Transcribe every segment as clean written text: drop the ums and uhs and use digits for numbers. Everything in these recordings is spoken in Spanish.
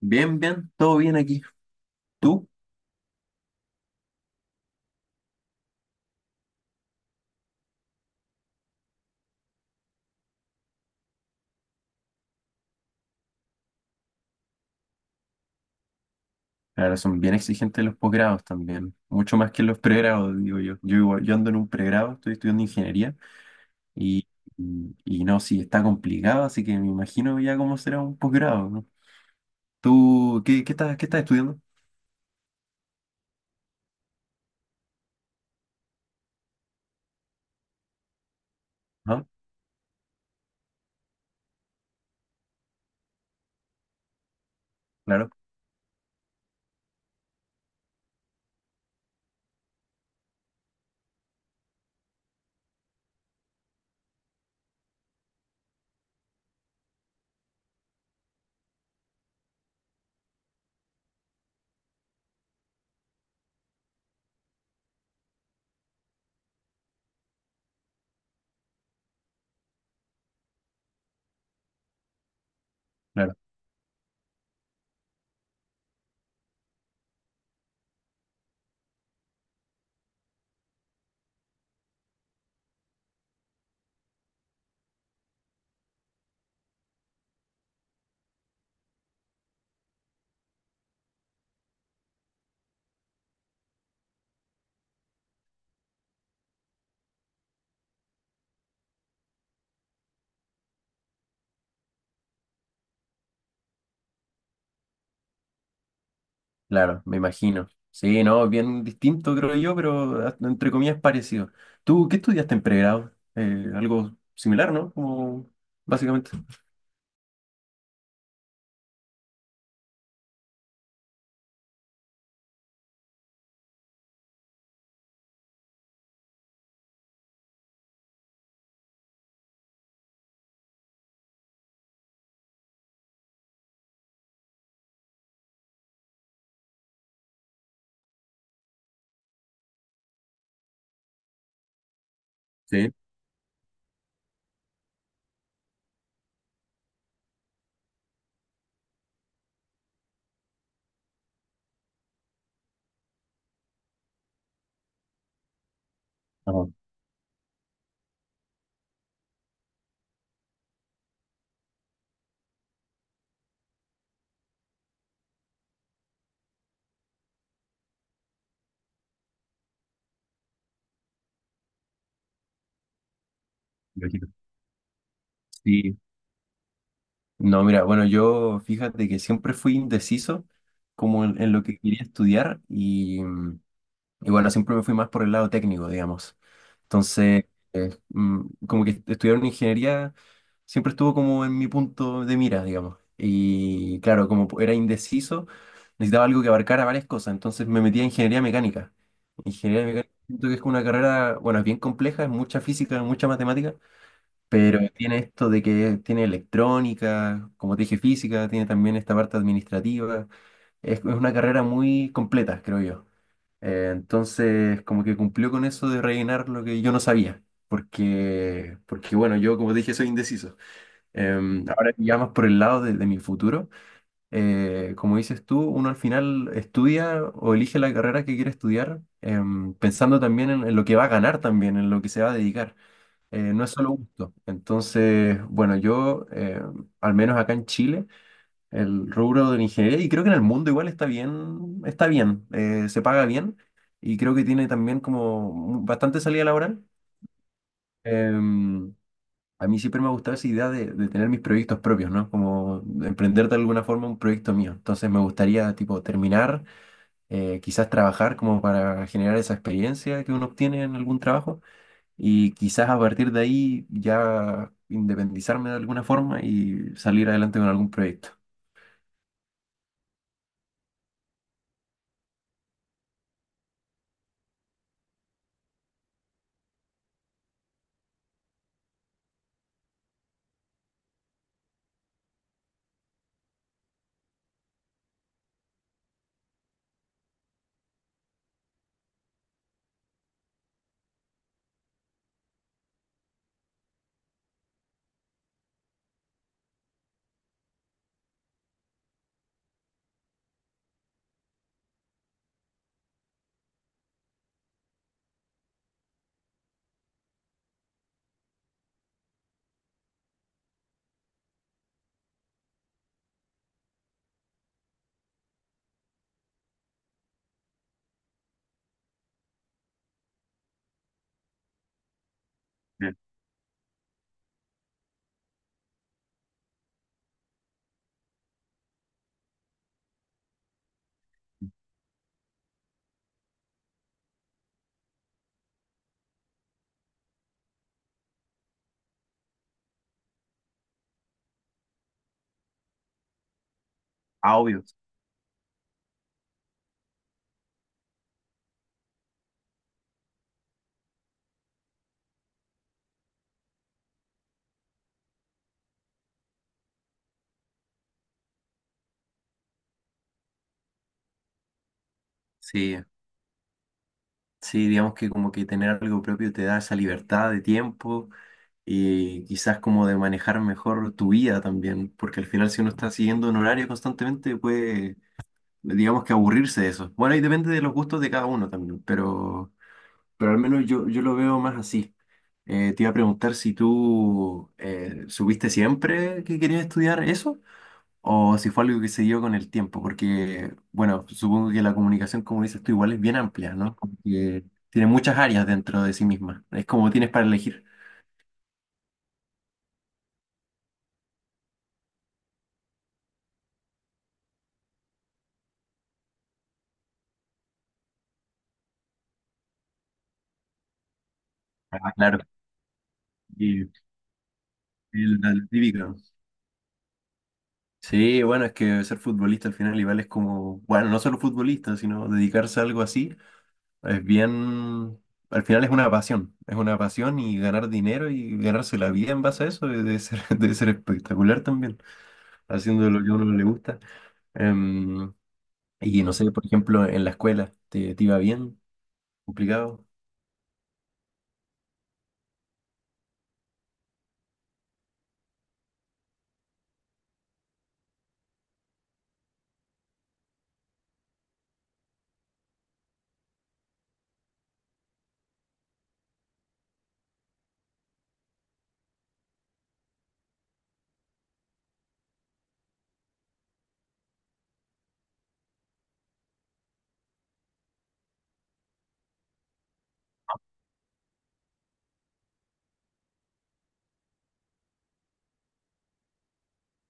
Bien, bien, todo bien aquí. ¿Tú? Ahora son bien exigentes los posgrados también, mucho más que los pregrados, digo yo. Yo, igual- yo ando en un pregrado, estoy estudiando ingeniería y, y no, sí, está complicado, así que me imagino ya cómo será un posgrado, ¿no? ¿Tú qué, qué estás estudiando? Ah. Claro, claro, claro, me imagino. Sí, no, bien distinto creo yo, pero hasta entre comillas parecido. ¿Tú qué estudiaste en pregrado? Algo similar, ¿no? Como básicamente. Sí. Ah, lógico. Sí. No, mira, bueno, yo fíjate que siempre fui indeciso como en lo que quería estudiar y, y bueno, siempre me fui más por el lado técnico, digamos. Entonces, eh, mm, como que estudiar una ingeniería siempre estuvo como en mi punto de mira, digamos. Y claro, como era indeciso, necesitaba algo que abarcara varias cosas, entonces me metí a ingeniería mecánica. Ingeniería mecánica siento que es una carrera, bueno, es bien compleja, es mucha física, mucha matemática. Pero tiene esto de que tiene electrónica, como te dije, física, tiene también esta parte administrativa. Es una carrera muy completa, creo yo. Entonces, como que cumplió con eso de rellenar lo que yo no sabía. Porque, porque bueno, yo como te dije, soy indeciso. Ahora ya más por el lado de mi futuro, como dices tú, uno al final estudia o elige la carrera que quiere estudiar, pensando también en lo que va a ganar también, en lo que se va a dedicar. No es solo gusto. Entonces, bueno, yo, al menos acá en Chile, el rubro de la ingeniería, y creo que en el mundo igual está bien, se paga bien, y creo que tiene también como bastante salida laboral. Em, a mí siempre me ha gustado esa idea de tener mis proyectos propios, ¿no? Como de emprender de alguna forma un proyecto mío. Entonces me gustaría, tipo, terminar, quizás trabajar como para generar esa experiencia que uno obtiene en algún trabajo y quizás a partir de ahí ya independizarme de alguna forma y salir adelante con algún proyecto. Bien. Ah, obvio. Sí, sí, digamos que como que tener algo propio te da esa libertad de tiempo y quizás como de manejar mejor tu vida también, porque al final si uno está siguiendo un horario constantemente puede, digamos que aburrirse de eso. Bueno, y depende de los gustos de cada uno también, pero al menos yo, yo lo veo más así. Te iba a preguntar si tú supiste siempre que querías estudiar eso o si fue algo que se dio con el tiempo, porque, bueno, supongo que la comunicación, como dices tú, igual es bien amplia, ¿no? Como que tiene muchas áreas dentro de sí misma, es como tienes para elegir. Ah, claro. Y el típico. Sí, bueno, es que ser futbolista al final igual es como, bueno, no solo futbolista, sino dedicarse a algo así. Es bien, al final es una pasión y ganar dinero y ganarse la vida en base a eso debe ser, debe ser espectacular también, haciendo lo que a uno le gusta. Em, y no sé, por ejemplo, en la escuela, ¿te, te iba bien? ¿Complicado?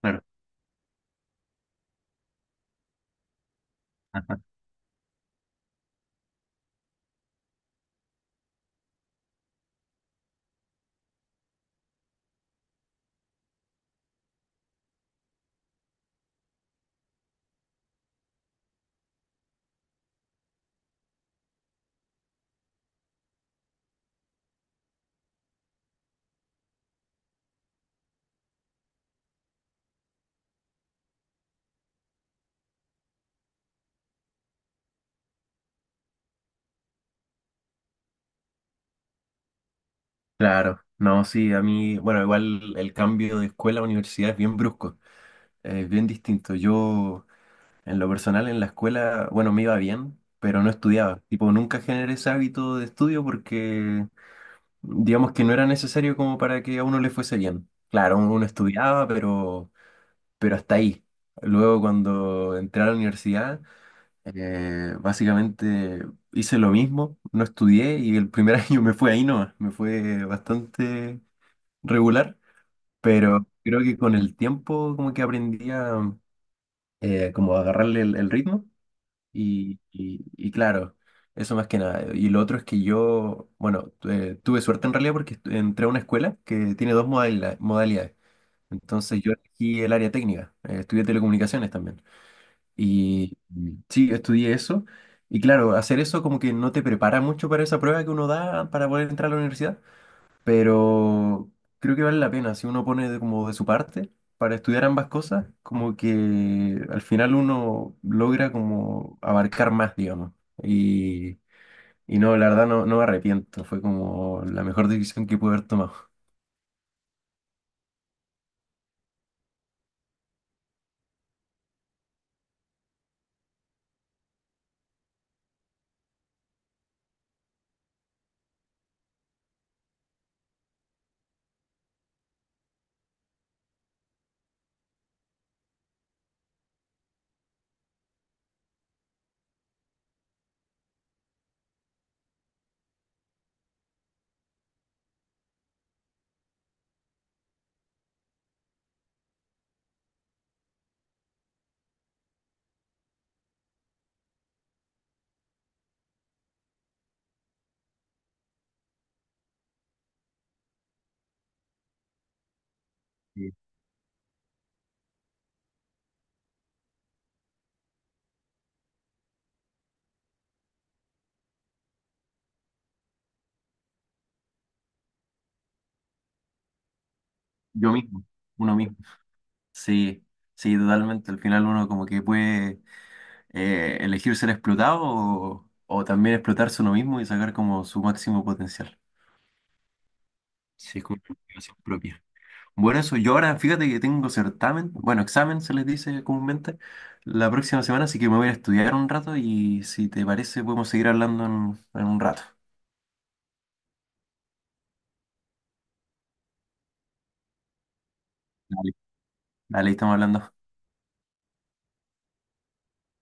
Claro. Ajá. Claro, no, sí, a mí, bueno, igual el cambio de escuela a universidad es bien brusco, es bien distinto. Yo, en lo personal, en la escuela, bueno, me iba bien, pero no estudiaba. Tipo, nunca generé ese hábito de estudio porque digamos que no era necesario como para que a uno le fuese bien. Claro, uno estudiaba, pero hasta ahí. Luego cuando entré a la universidad, básicamente hice lo mismo, no estudié y el primer año me fue ahí nomás, me fue bastante regular, pero creo que con el tiempo como que aprendí a como agarrarle el ritmo y, y claro, eso más que nada. Y lo otro es que yo, bueno, tuve suerte en realidad porque entré a una escuela que tiene dos modalidades. Entonces yo elegí el área técnica, estudié telecomunicaciones también. Y sí, estudié eso. Y claro, hacer eso como que no te prepara mucho para esa prueba que uno da para poder entrar a la universidad, pero creo que vale la pena si uno pone de, como de su parte para estudiar ambas cosas, como que al final uno logra como abarcar más, digamos. Y, y no, la verdad no, no me arrepiento, fue como la mejor decisión que pude haber tomado. Sí. Yo mismo, uno mismo. Sí, sí, totalmente. Al final uno como que puede elegir ser explotado o también explotarse uno mismo y sacar como su máximo potencial. Sí, es como una motivación propia. Bueno, eso yo ahora, fíjate que tengo certamen, bueno, examen se les dice comúnmente, la próxima semana, así que me voy a ir a estudiar un rato y si te parece podemos seguir hablando en un rato. Dale. Dale, ahí estamos hablando.